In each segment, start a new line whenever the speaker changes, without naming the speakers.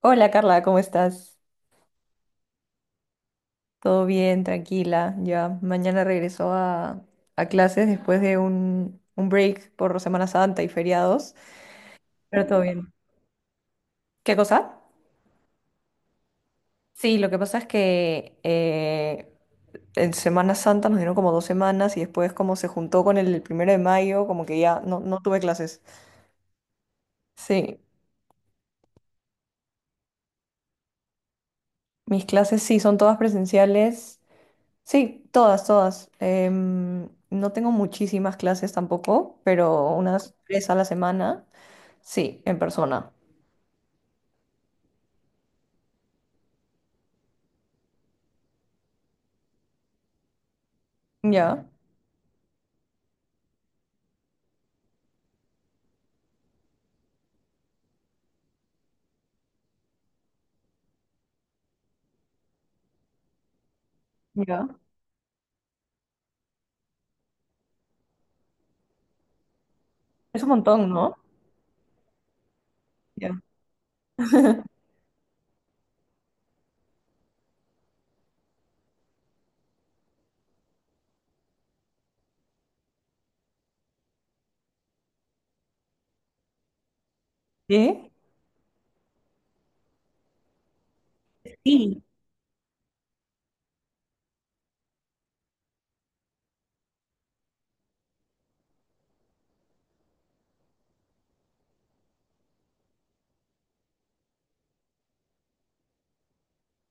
Hola Carla, ¿cómo estás? ¿Todo bien? Tranquila. Ya mañana regreso a clases después de un break por Semana Santa y feriados, pero todo bien. ¿Qué cosa? Sí, lo que pasa es que en Semana Santa nos dieron como dos semanas y después como se juntó con el primero de mayo, como que ya no tuve clases. Sí, mis clases sí, son todas presenciales. Sí, todas, todas. No tengo muchísimas clases tampoco, pero unas tres a la semana. Sí, en persona. Ya, ya. Es un montón, ¿no? Ya. ¿Sí? Sí.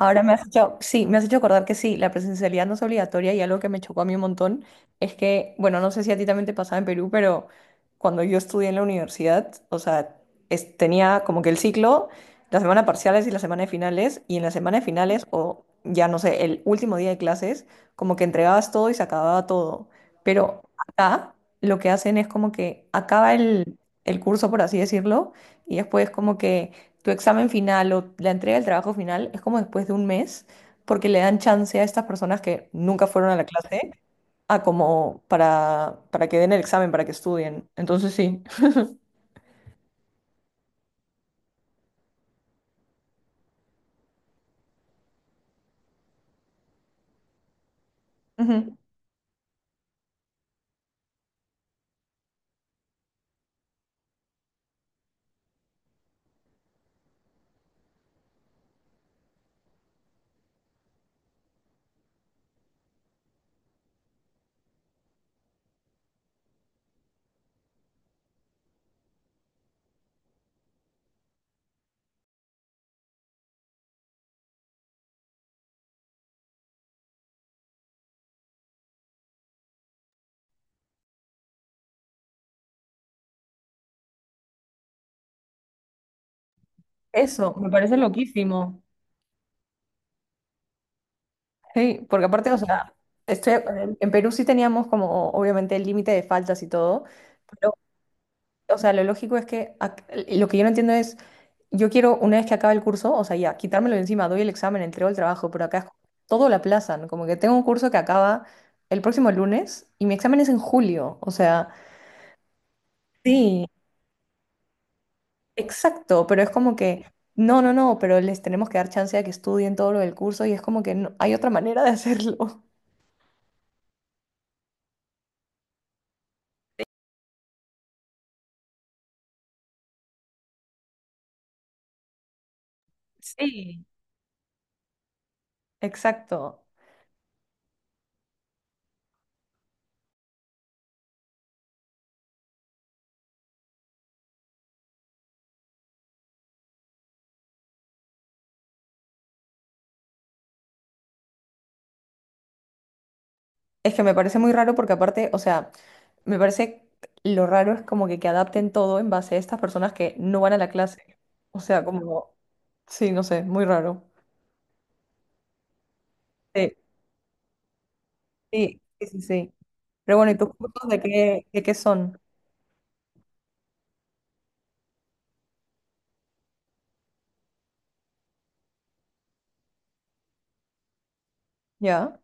Ahora me has hecho, sí, me has hecho acordar que sí, la presencialidad no es obligatoria, y algo que me chocó a mí un montón es que, bueno, no sé si a ti también te pasaba en Perú, pero cuando yo estudié en la universidad, o sea, tenía como que el ciclo, la semana de parciales y la semana de finales, y en la semana de finales, o ya no sé, el último día de clases, como que entregabas todo y se acababa todo. Pero acá lo que hacen es como que acaba el curso, por así decirlo, y después como que tu examen final o la entrega del trabajo final es como después de un mes, porque le dan chance a estas personas que nunca fueron a la clase a como para que den el examen, para que estudien. Entonces sí. Ujú. Eso, me parece loquísimo. Sí, porque aparte, o sea, estoy, en Perú sí teníamos como obviamente el límite de faltas y todo, pero, o sea, lo lógico es que lo que yo no entiendo es... Yo quiero, una vez que acabe el curso, o sea, ya, quitármelo de encima, doy el examen, entrego el trabajo, pero acá es como todo lo aplazan. Como que tengo un curso que acaba el próximo lunes y mi examen es en julio. O sea, sí, exacto, pero es como que no, no, no, pero les tenemos que dar chance a que estudien todo lo del curso y es como que hay otra manera de hacerlo. Sí. Exacto. Es que me parece muy raro porque aparte, o sea, me parece lo raro es como que adapten todo en base a estas personas que no van a la clase. O sea, como, sí, no sé, muy raro. Sí, sí, sí, sí, sí. Pero bueno, ¿y tus cursos de qué son? Ya,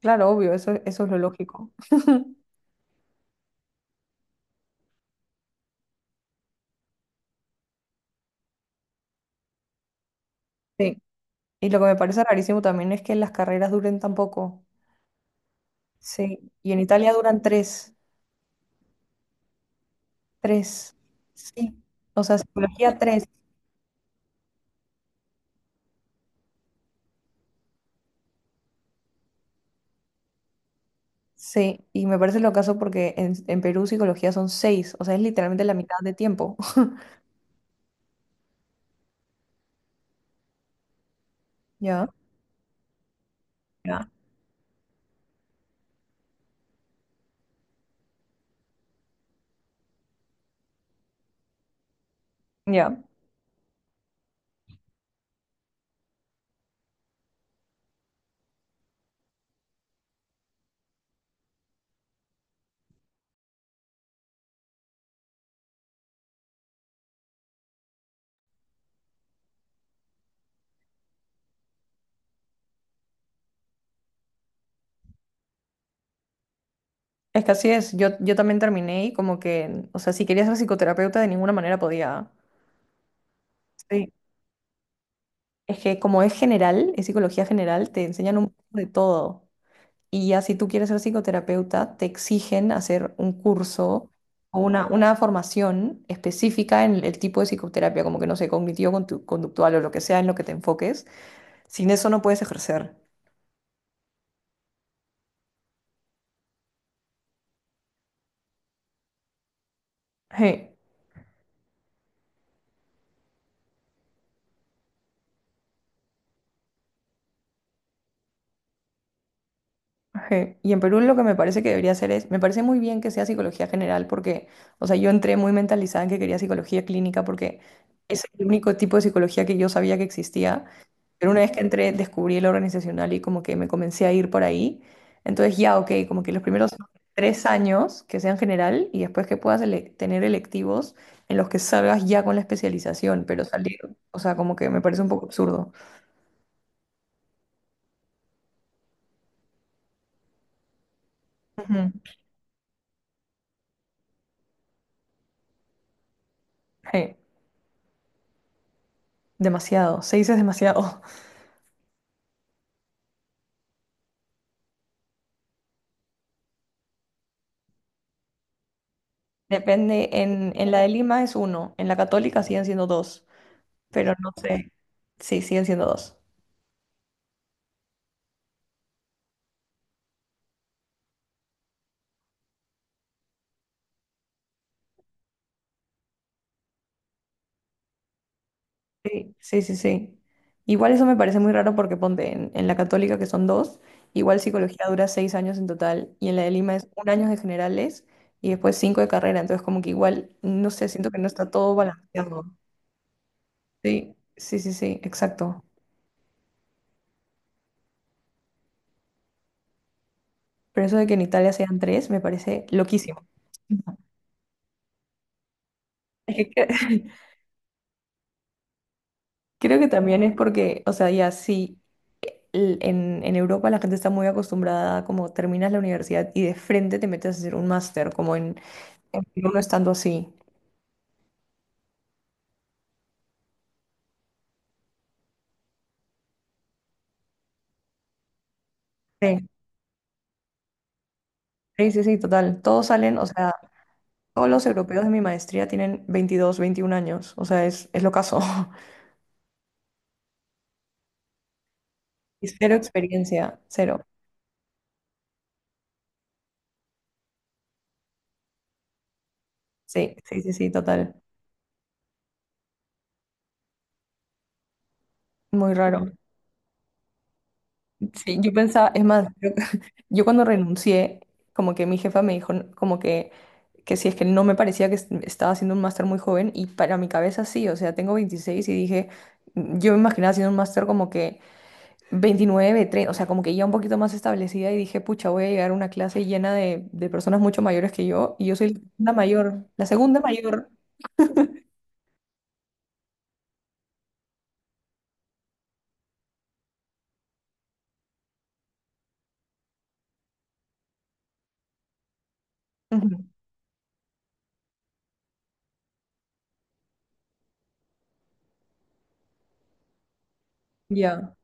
claro, obvio, eso es lo lógico. Sí. Y lo que me parece rarísimo también es que las carreras duren tan poco. Sí. Y en Italia duran tres, tres. Sí. O sea, psicología tres. Sí, y me parece lo caso porque en Perú psicología son seis, o sea, es literalmente la mitad de tiempo. Ya, ya, ya. Es que así es, yo también terminé y como que, o sea, si quería ser psicoterapeuta de ninguna manera podía. Sí. Es que como es general, es psicología general, te enseñan un poco de todo. Y ya si tú quieres ser psicoterapeuta, te exigen hacer un curso o una formación específica en el tipo de psicoterapia, como que no sé, cognitivo-conductual o lo que sea en lo que te enfoques. Sin eso no puedes ejercer. Sí, sí. Y en Perú lo que me parece que debería hacer es, me parece muy bien que sea psicología general porque, o sea, yo entré muy mentalizada en que quería psicología clínica porque es el único tipo de psicología que yo sabía que existía, pero una vez que entré descubrí la organizacional y como que me comencé a ir por ahí. Entonces ya, ok, como que los primeros tres años que sean general y después que puedas tener electivos en los que salgas ya con la especialización, pero salir, o sea, como que me parece un poco absurdo. Ujú. Sí, demasiado, seis es demasiado. Depende, en la de Lima es uno, en la Católica siguen siendo dos, pero no sé, sí, siguen siendo dos. Sí, sí, sí, sí. Igual eso me parece muy raro porque ponte en la Católica que son dos, igual psicología dura seis años en total y en la de Lima es un año de generales y después cinco de carrera, entonces como que igual, no sé, siento que no está todo balanceado. Sí, sí, sí, sí, exacto. Pero eso de que en Italia sean tres me parece loquísimo. Es que, creo que también es porque, o sea, ya sí, en Europa la gente está muy acostumbrada, como terminas la universidad y de frente te metes a hacer un máster, como en Perú no estando así. Sí, sí, sí, sí, total. Todos salen, o sea, todos los europeos de mi maestría tienen 22, 21 años, o sea, es lo caso. Y cero experiencia, cero. Sí, sí, sí, sí, total. Muy raro. Sí, yo pensaba, es más, yo, yo cuando renuncié, como que mi jefa me dijo, como que si es que no me parecía que estaba haciendo un máster muy joven, y para mi cabeza sí, o sea, tengo 26 y dije, yo me imaginaba haciendo un máster como que 29, 30, o sea, como que ya un poquito más establecida, y dije, pucha, voy a llegar a una clase llena de personas mucho mayores que yo, y yo soy la segunda mayor, la segunda mayor. Ujú. Ya,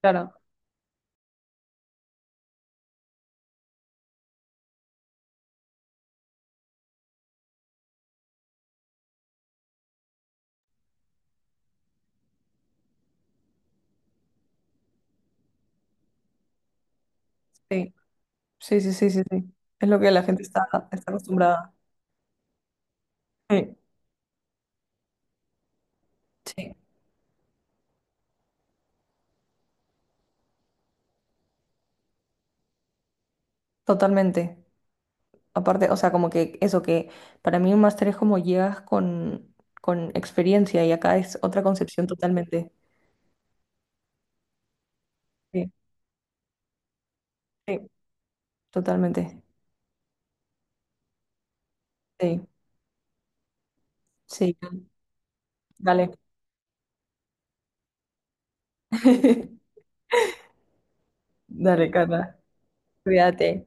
claro, sí, sí, sí, sí, sí, sí, es lo que la gente está, está acostumbrada. Sí. Sí. Totalmente. Aparte, o sea, como que eso que para mí un máster es como llegas con experiencia y acá es otra concepción totalmente. Sí, sí, totalmente. Sí, sí. Dale. Dale, Carla. Cuídate.